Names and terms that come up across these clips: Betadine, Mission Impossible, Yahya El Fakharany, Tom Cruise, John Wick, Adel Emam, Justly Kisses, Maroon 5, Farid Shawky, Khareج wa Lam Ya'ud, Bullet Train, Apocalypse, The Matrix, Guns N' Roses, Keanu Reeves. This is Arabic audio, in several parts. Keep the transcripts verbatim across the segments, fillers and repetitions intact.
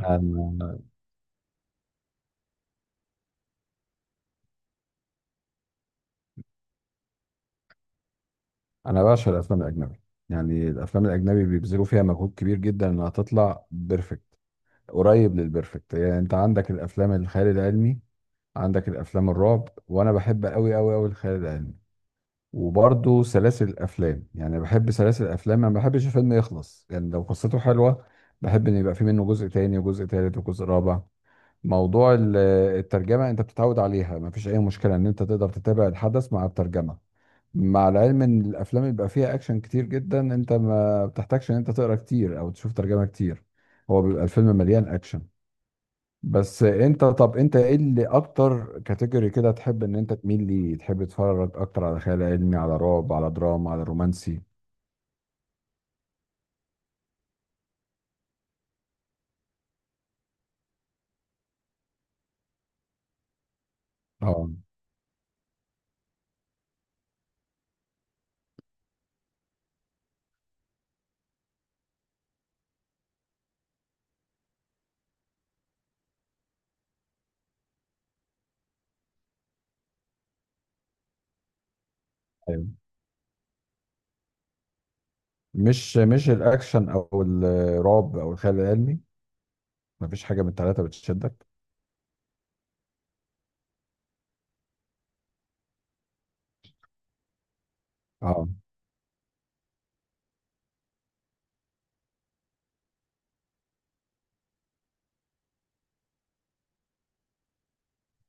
انا انا بعشق الافلام الاجنبي. يعني الافلام الاجنبي بيبذلوا فيها مجهود كبير جدا انها تطلع بيرفكت، قريب للبرفكت. يعني انت عندك الافلام الخيال العلمي، عندك الافلام الرعب، وانا بحب قوي قوي قوي الخيال العلمي. وبرضه سلاسل الافلام، يعني بحب سلاسل الافلام، ما بحبش الفيلم يخلص، يعني لو قصته حلوه بحب ان يبقى في منه جزء تاني وجزء تالت وجزء رابع. موضوع ال- الترجمه انت بتتعود عليها، ما فيش اي مشكله ان انت تقدر تتابع الحدث مع الترجمه. مع العلم ان الافلام اللي بيبقى فيها اكشن كتير جدا انت ما بتحتاجش ان انت تقرا كتير او تشوف ترجمه كتير، هو بيبقى الفيلم مليان اكشن. بس انت، طب انت ايه اللي اكتر كاتيجوري كده تحب ان انت تميل ليه؟ تحب تتفرج اكتر على خيال علمي، على رعب، على دراما، على رومانسي؟ اه، ايوه، مش مش الاكشن او الرعب او الخيال العلمي. مفيش حاجه من الثلاثه بتشدك. اه،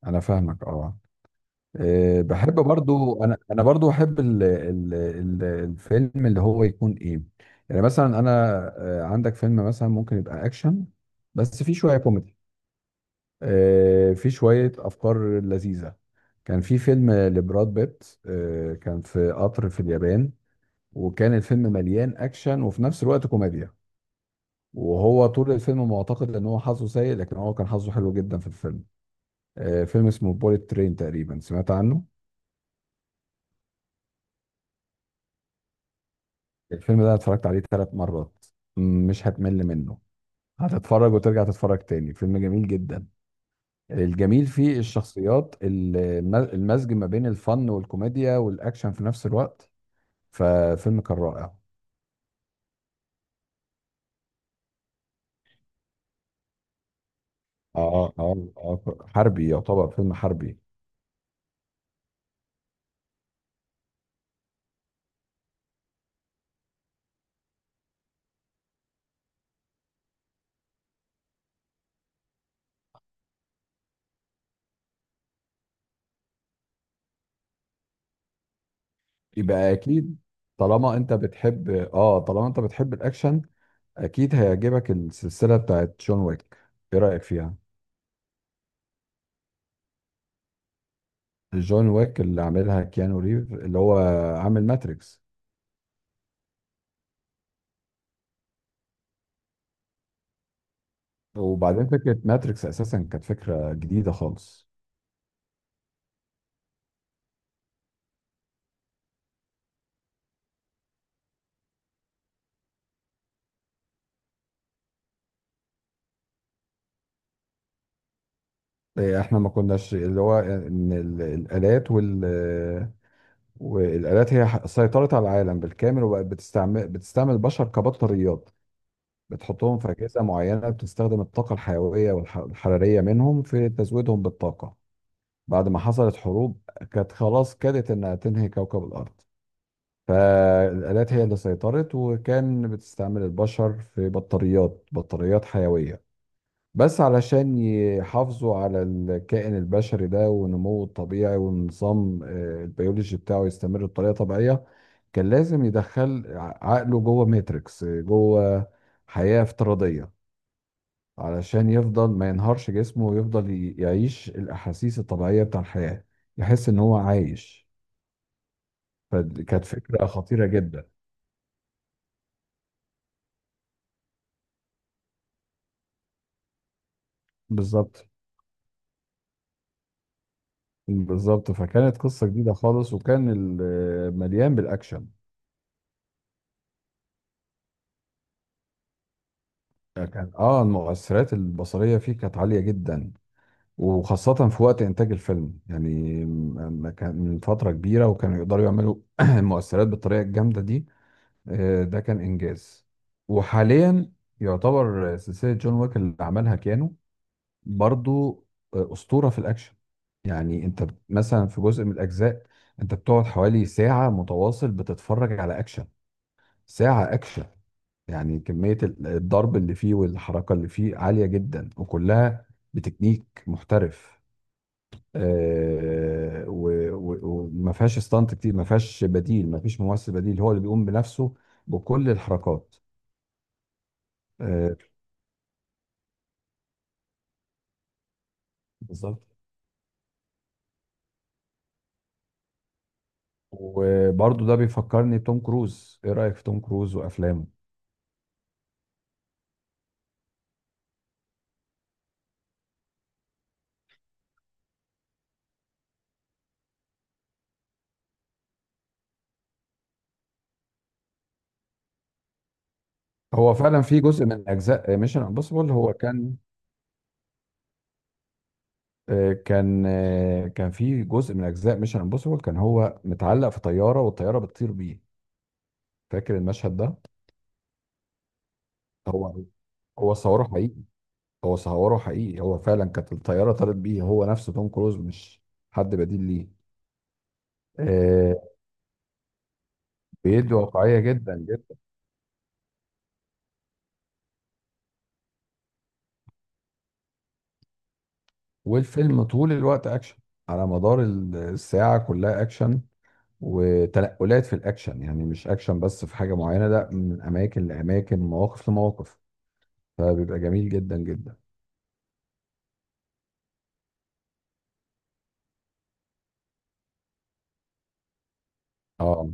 انا فاهمك، اه. أه، بحب برضو، انا انا برضو احب ال ال ال الفيلم اللي هو يكون ايه؟ يعني مثلا انا، أه، عندك فيلم مثلا ممكن يبقى اكشن، بس فيه شويه كوميدي، أه، فيه شويه افكار لذيذه. كان في فيلم لبراد بيت، أه، كان في قطر في اليابان، وكان الفيلم مليان اكشن وفي نفس الوقت كوميديا، وهو طول الفيلم معتقد ان هو حظه سيء، لكن هو كان حظه حلو جدا في الفيلم. أه، فيلم اسمه بوليت ترين، تقريبا سمعت عنه. الفيلم ده أنا اتفرجت عليه ثلاث مرات، م- مش هتمل منه، هتتفرج وترجع تتفرج تاني، فيلم جميل جدا. الجميل فيه الشخصيات، ال- الم- المزج ما بين الفن والكوميديا والاكشن في نفس الوقت. ففيلم كان رائع. اه اه اه، حربي، يعتبر فيلم حربي. يبقى اكيد، طالما انت بتحب اه طالما انت بتحب الاكشن، اكيد هيعجبك السلسلة بتاعت جون ويك. ايه رأيك فيها؟ جون ويك اللي عاملها كيانو ريف، اللي هو عامل ماتريكس. وبعدين فكرة ماتريكس أساسا كانت فكرة جديدة خالص. إيه، إحنا ما كناش اللي هو إن ال- الآلات وال والآلات هي ح- سيطرت على العالم بالكامل، وبقت بتستعمل بتستعمل البشر كبطاريات، بتحطهم في أجهزة معينة بتستخدم الطاقة الحيوية والحرارية منهم في تزويدهم بالطاقة. بعد ما حصلت حروب كانت خلاص كادت إنها تنهي كوكب الأرض، فالآلات هي اللي سيطرت، وكان بتستعمل البشر في بطاريات، بطاريات حيوية. بس علشان يحافظوا على الكائن البشري ده ونموه الطبيعي والنظام آه، البيولوجي بتاعه يستمر بطريقة طبيعية، كان لازم يدخل ع- عقله جوه ماتريكس، آه، جوه حياة افتراضية، علشان يفضل ما ينهارش جسمه ويفضل ي- يعيش الأحاسيس الطبيعية بتاع الحياة، يحس إن هو عايش. فكانت فكرة خطيرة جدا. بالظبط. بالظبط، فكانت قصة جديدة خالص، وكان ال- آه، مليان بالأكشن. كان اه المؤثرات البصريه فيه كانت عاليه جدا، وخاصه في وقت انتاج الفيلم يعني م- ما كان من فتره كبيره وكانوا يقدروا يعملوا المؤثرات بالطريقه الجامده دي. آه، ده كان انجاز. وحاليا، يعتبر سلسله جون ويك اللي عملها كيانو برضو، آه، اسطوره في الاكشن. يعني انت مثلا في جزء من الاجزاء، انت بتقعد حوالي ساعه متواصل بتتفرج على اكشن، ساعه اكشن. يعني كمية ال- الضرب اللي فيه والحركة اللي فيه عالية جدا، وكلها بتكنيك محترف. آه، و- و- وما فيهاش استانت كتير، ما فيهاش بديل، ما فيش ممثل بديل، هو اللي بيقوم بنفسه بكل الحركات. آه، بالظبط. وبرضه ده بيفكرني بتوم كروز. ايه رأيك في توم كروز وافلامه؟ هو فعلا في جزء من اجزاء ميشن امبوسيبل، هو كان آه، كان آه، كان في جزء من اجزاء ميشن امبوسيبل، كان هو متعلق في طيارة والطيارة بتطير بيه. فاكر المشهد ده؟ هو هو صوره حقيقي، هو صوره حقيقي، هو فعلا كانت الطياره طارت بيه، هو نفسه توم كروز مش حد بديل ليه. آه بيد واقعيه جدا جدا. والفيلم طول الوقت اكشن، على مدار ال- الساعه كلها اكشن، وتنقلات في الاكشن، يعني مش اكشن بس في حاجه معينه، لا، من اماكن لاماكن، مواقف لمواقف، فبيبقى جميل جدا جدا. اه،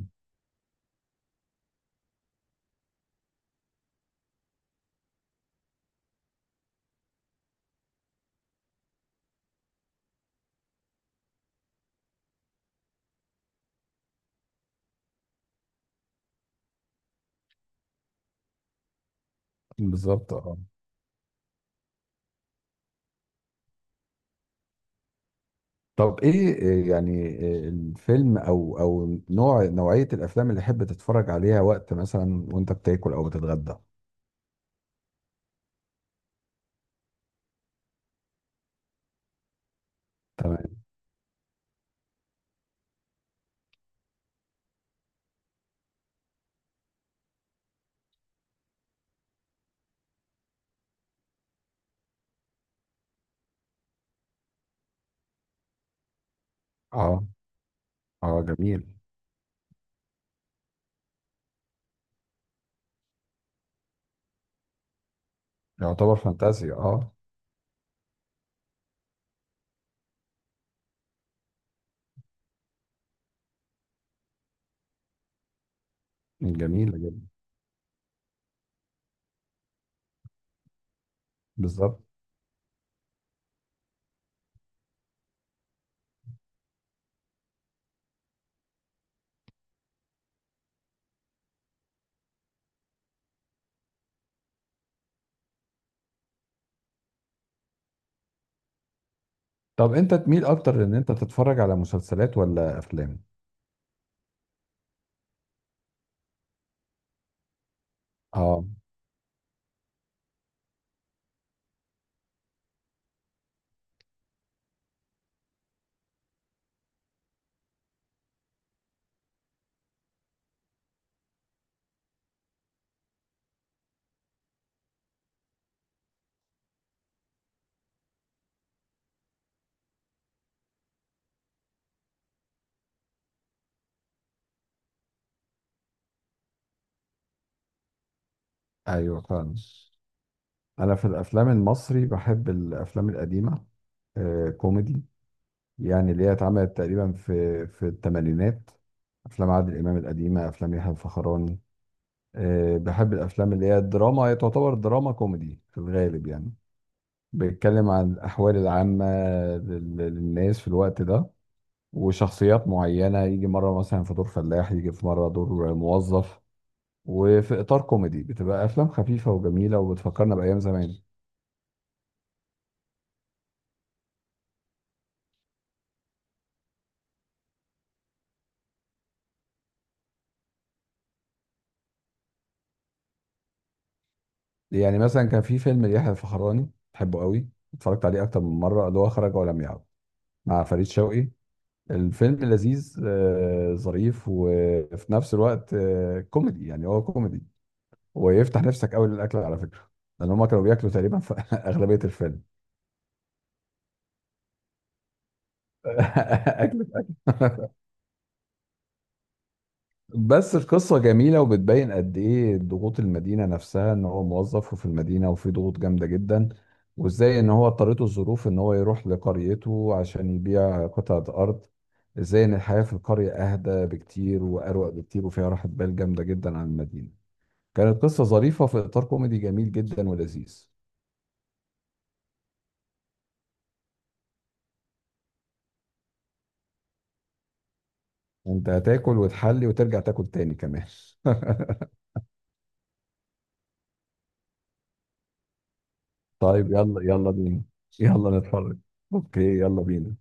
بالظبط، اه. طب ايه، إيه يعني إيه الفيلم او او نوع نوعية الافلام اللي تحب تتفرج عليها وقت مثلا وانت بتاكل او بتتغدى؟ تمام. اه، اه، جميل، يعتبر فانتازيا، اه، جميلة جدا، بالظبط. طب انت تميل اكتر ان انت تتفرج على مسلسلات ولا افلام؟ اه، ايوه، فعلا. انا في الافلام المصري بحب الافلام القديمة، آه كوميدي، يعني اللي هي اتعملت تقريبا في في الثمانينات، افلام عادل امام القديمة، افلام يحيى الفخراني. آه، بحب الافلام اللي هي الدراما، هي تعتبر دراما كوميدي في الغالب يعني، بيتكلم عن الاحوال العامه لل- للناس في الوقت ده، وشخصيات معينه، يجي مره مثلا في دور فلاح، يجي في مره دور موظف، وفي اطار كوميدي، بتبقى افلام خفيفه وجميله وبتفكرنا بايام زمان. يعني مثلا كان في فيلم ليحيى الفخراني بحبه قوي، اتفرجت عليه اكتر من مره، اللي هو خرج ولم يعد، مع فريد شوقي. الفيلم لذيذ، آه، ظريف، وفي نفس الوقت آه، كوميدي، يعني هو كوميدي ويفتح نفسك قوي للاكل على فكره، لان هم كانوا بياكلوا تقريبا في اغلبيه الفيلم. اكل في اكل. بس القصه جميله، وبتبين قد ايه ضغوط المدينه نفسها، ان هو موظف وفي المدينه، وفي ضغوط جامده جدا، وازاي ان هو اضطرته الظروف ان هو يروح لقريته عشان يبيع قطعه ارض، ازاي ان الحياه في القريه اهدى بكتير واروق بكتير، وفيها راحه بال جامده جدا عن المدينه. كانت قصه ظريفه في اطار كوميدي جميل جدا ولذيذ. انت هتاكل وتحلي وترجع تاكل تاني كمان. طيب، يلا يلا بينا، يلا نتفرج. اوكي، يلا بينا.